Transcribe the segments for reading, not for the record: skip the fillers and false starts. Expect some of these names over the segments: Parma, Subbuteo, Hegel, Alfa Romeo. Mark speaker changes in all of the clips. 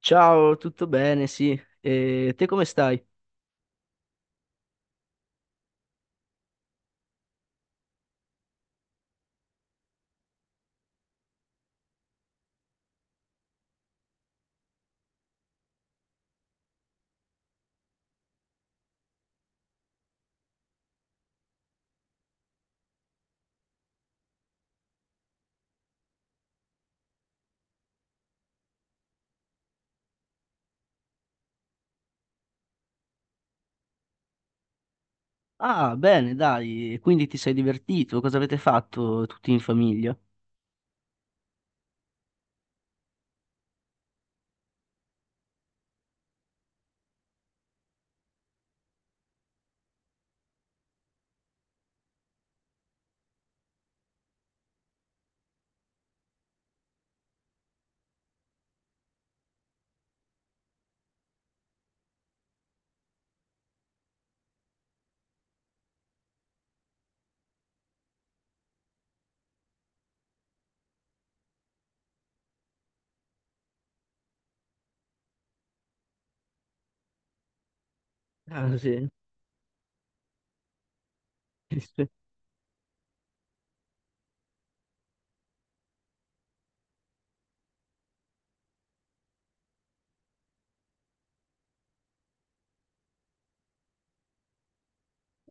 Speaker 1: Ciao, tutto bene? Sì. E te come stai? Ah, bene, dai. Quindi ti sei divertito? Cosa avete fatto tutti in famiglia? Ah, sì.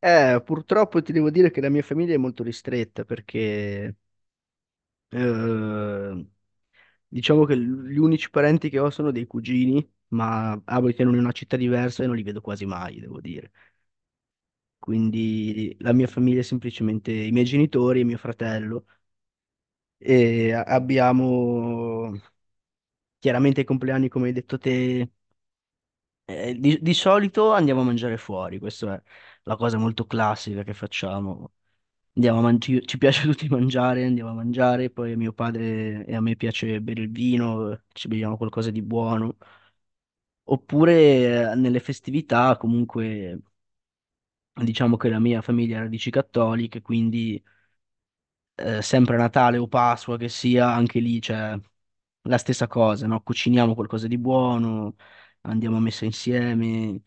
Speaker 1: Purtroppo ti devo dire che la mia famiglia è molto ristretta perché eh, diciamo che gli unici parenti che ho sono dei cugini, ma abitano in una città diversa e non li vedo quasi mai, devo dire. Quindi la mia famiglia è semplicemente i miei genitori e mio fratello e abbiamo. Chiaramente i compleanni, come hai detto te, di solito andiamo a mangiare fuori, questa è la cosa molto classica che facciamo. Ci, ci piace a tutti mangiare, andiamo a mangiare, poi a mio padre e a me piace bere il vino, ci beviamo qualcosa di buono. Oppure nelle festività, comunque, diciamo che la mia famiglia ha radici cattoliche, quindi sempre Natale o Pasqua che sia, anche lì c'è la stessa cosa, no? Cuciniamo qualcosa di buono, andiamo a messa insieme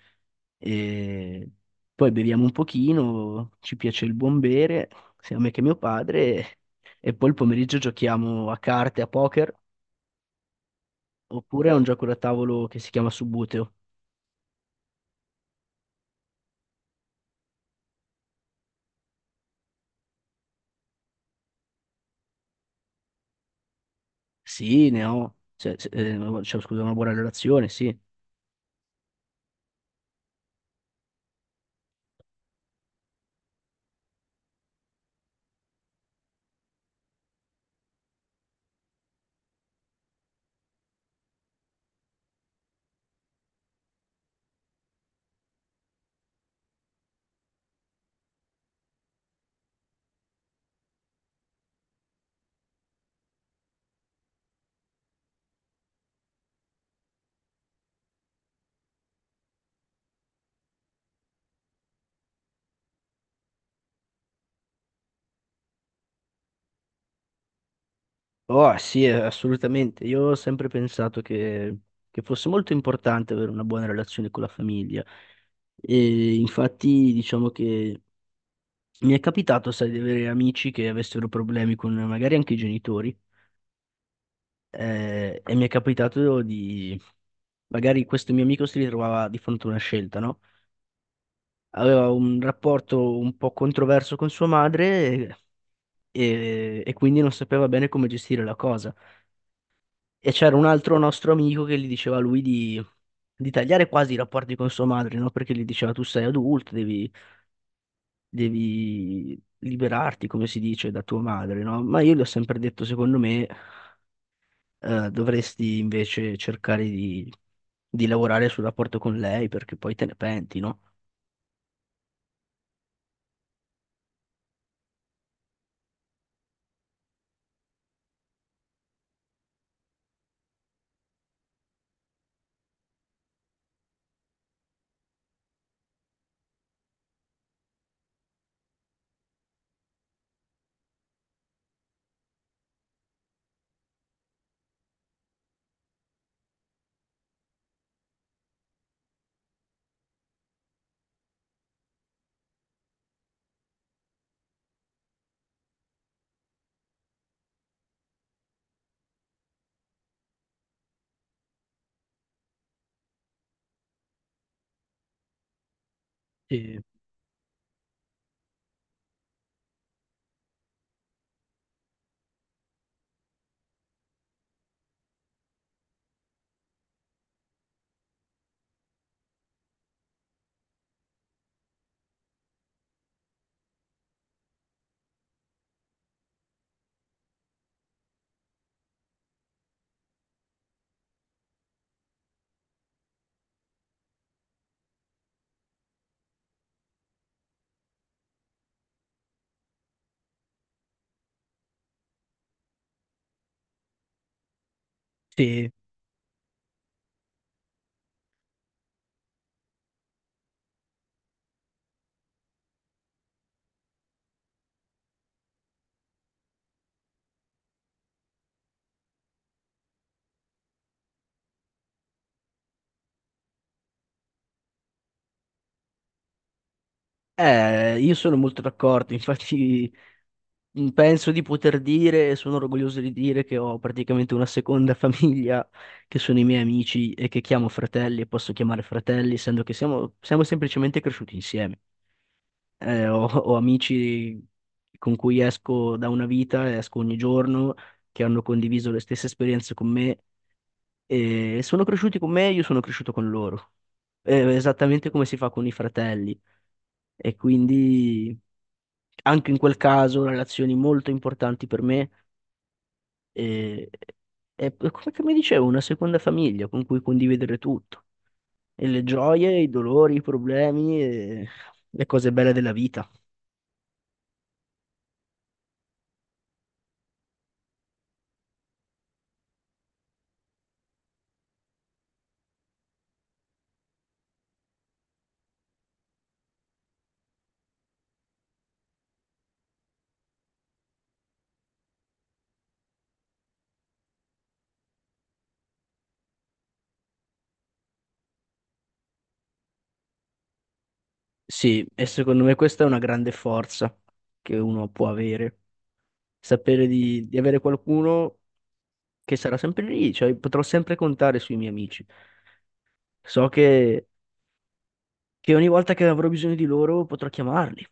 Speaker 1: e poi beviamo un pochino, ci piace il buon bere, sia a me che a mio padre, e poi il pomeriggio giochiamo a carte, a poker, oppure a un gioco da tavolo che si chiama Subbuteo. Sì, ne ho, scusa, una buona relazione, sì. Oh, sì, assolutamente. Io ho sempre pensato che fosse molto importante avere una buona relazione con la famiglia. E infatti, diciamo che mi è capitato, sai, di avere amici che avessero problemi con magari anche i genitori. E mi è capitato di, magari questo mio amico si ritrovava di fronte a una scelta, no? Aveva un rapporto un po' controverso con sua madre e quindi non sapeva bene come gestire la cosa. E c'era un altro nostro amico che gli diceva a lui di tagliare quasi i rapporti con sua madre, no? Perché gli diceva tu sei adulto, devi liberarti, come si dice, da tua madre, no? Ma io gli ho sempre detto, secondo me, dovresti invece cercare di lavorare sul rapporto con lei perché poi te ne penti, no? Sì, sì. Io sono molto d'accordo, infatti. Mm, penso di poter dire, e sono orgoglioso di dire che ho praticamente una seconda famiglia, che sono i miei amici e che chiamo fratelli e posso chiamare fratelli, essendo che siamo semplicemente cresciuti insieme. Ho amici con cui esco da una vita, esco ogni giorno, che hanno condiviso le stesse esperienze con me e sono cresciuti con me e io sono cresciuto con loro. Esattamente come si fa con i fratelli. E quindi anche in quel caso relazioni molto importanti per me e, è come che mi dicevo, una seconda famiglia con cui condividere tutto, e le gioie, i dolori, i problemi e le cose belle della vita. Sì, e secondo me questa è una grande forza che uno può avere, sapere di avere qualcuno che sarà sempre lì, cioè potrò sempre contare sui miei amici. So che ogni volta che avrò bisogno di loro potrò chiamarli.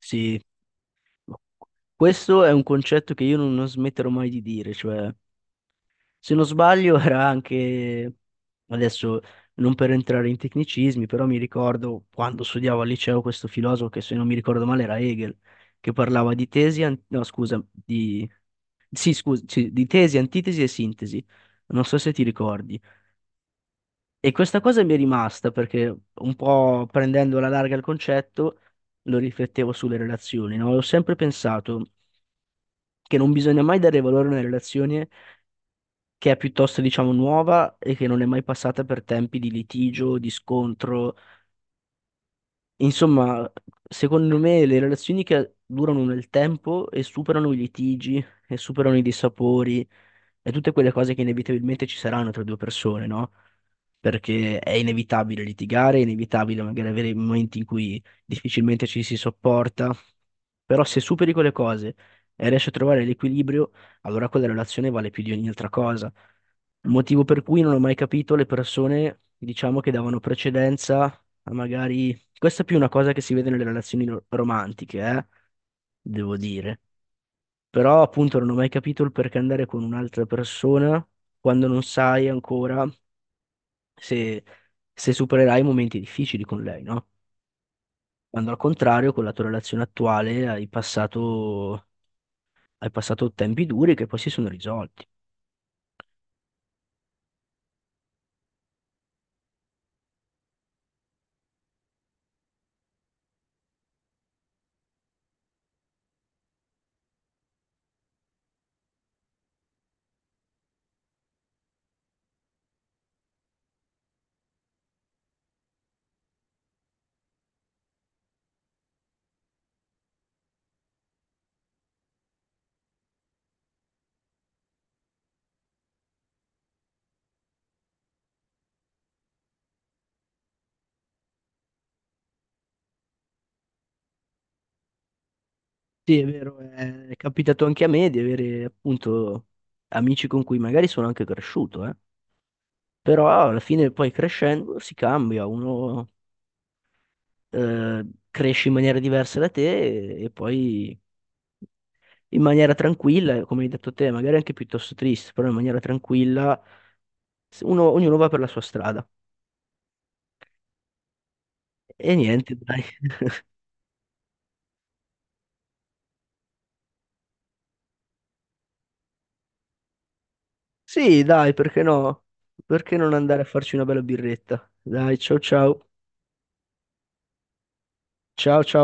Speaker 1: Sì, questo è un concetto che io non smetterò mai di dire, cioè... Se non sbaglio era anche, adesso non per entrare in tecnicismi, però mi ricordo quando studiavo al liceo questo filosofo che se non mi ricordo male era Hegel, che parlava di tesi, an- no scusa, di, sì, scusa, sì, di tesi, antitesi e sintesi. Non so se ti ricordi. E questa cosa mi è rimasta perché un po' prendendo alla larga il concetto lo riflettevo sulle relazioni, no? Ho sempre pensato che non bisogna mai dare valore a una relazione che è piuttosto, diciamo, nuova e che non è mai passata per tempi di litigio, di scontro. Insomma, secondo me le relazioni che durano nel tempo e superano i litigi e superano i dissapori e tutte quelle cose che inevitabilmente ci saranno tra due persone, no? Perché è inevitabile litigare, è inevitabile magari avere momenti in cui difficilmente ci si sopporta, però se superi quelle cose e riesci a trovare l'equilibrio, allora quella relazione vale più di ogni altra cosa. Il motivo per cui non ho mai capito le persone, diciamo, che davano precedenza a magari, questa è più una cosa che si vede nelle relazioni romantiche, devo dire. Però appunto non ho mai capito il perché andare con un'altra persona quando non sai ancora se, se supererai momenti difficili con lei, no? Quando al contrario con la tua relazione attuale hai passato tempi duri che poi si sono risolti. Sì, è vero, è capitato anche a me di avere appunto amici con cui magari sono anche cresciuto, eh. Però alla fine poi crescendo si cambia, uno eh, cresci in maniera diversa da te e poi in maniera tranquilla, come hai detto te, magari anche piuttosto triste, però in maniera tranquilla, ognuno va per la sua strada. E niente, dai. Sì, dai, perché no? Perché non andare a farci una bella birretta? Dai, ciao ciao. Ciao ciao.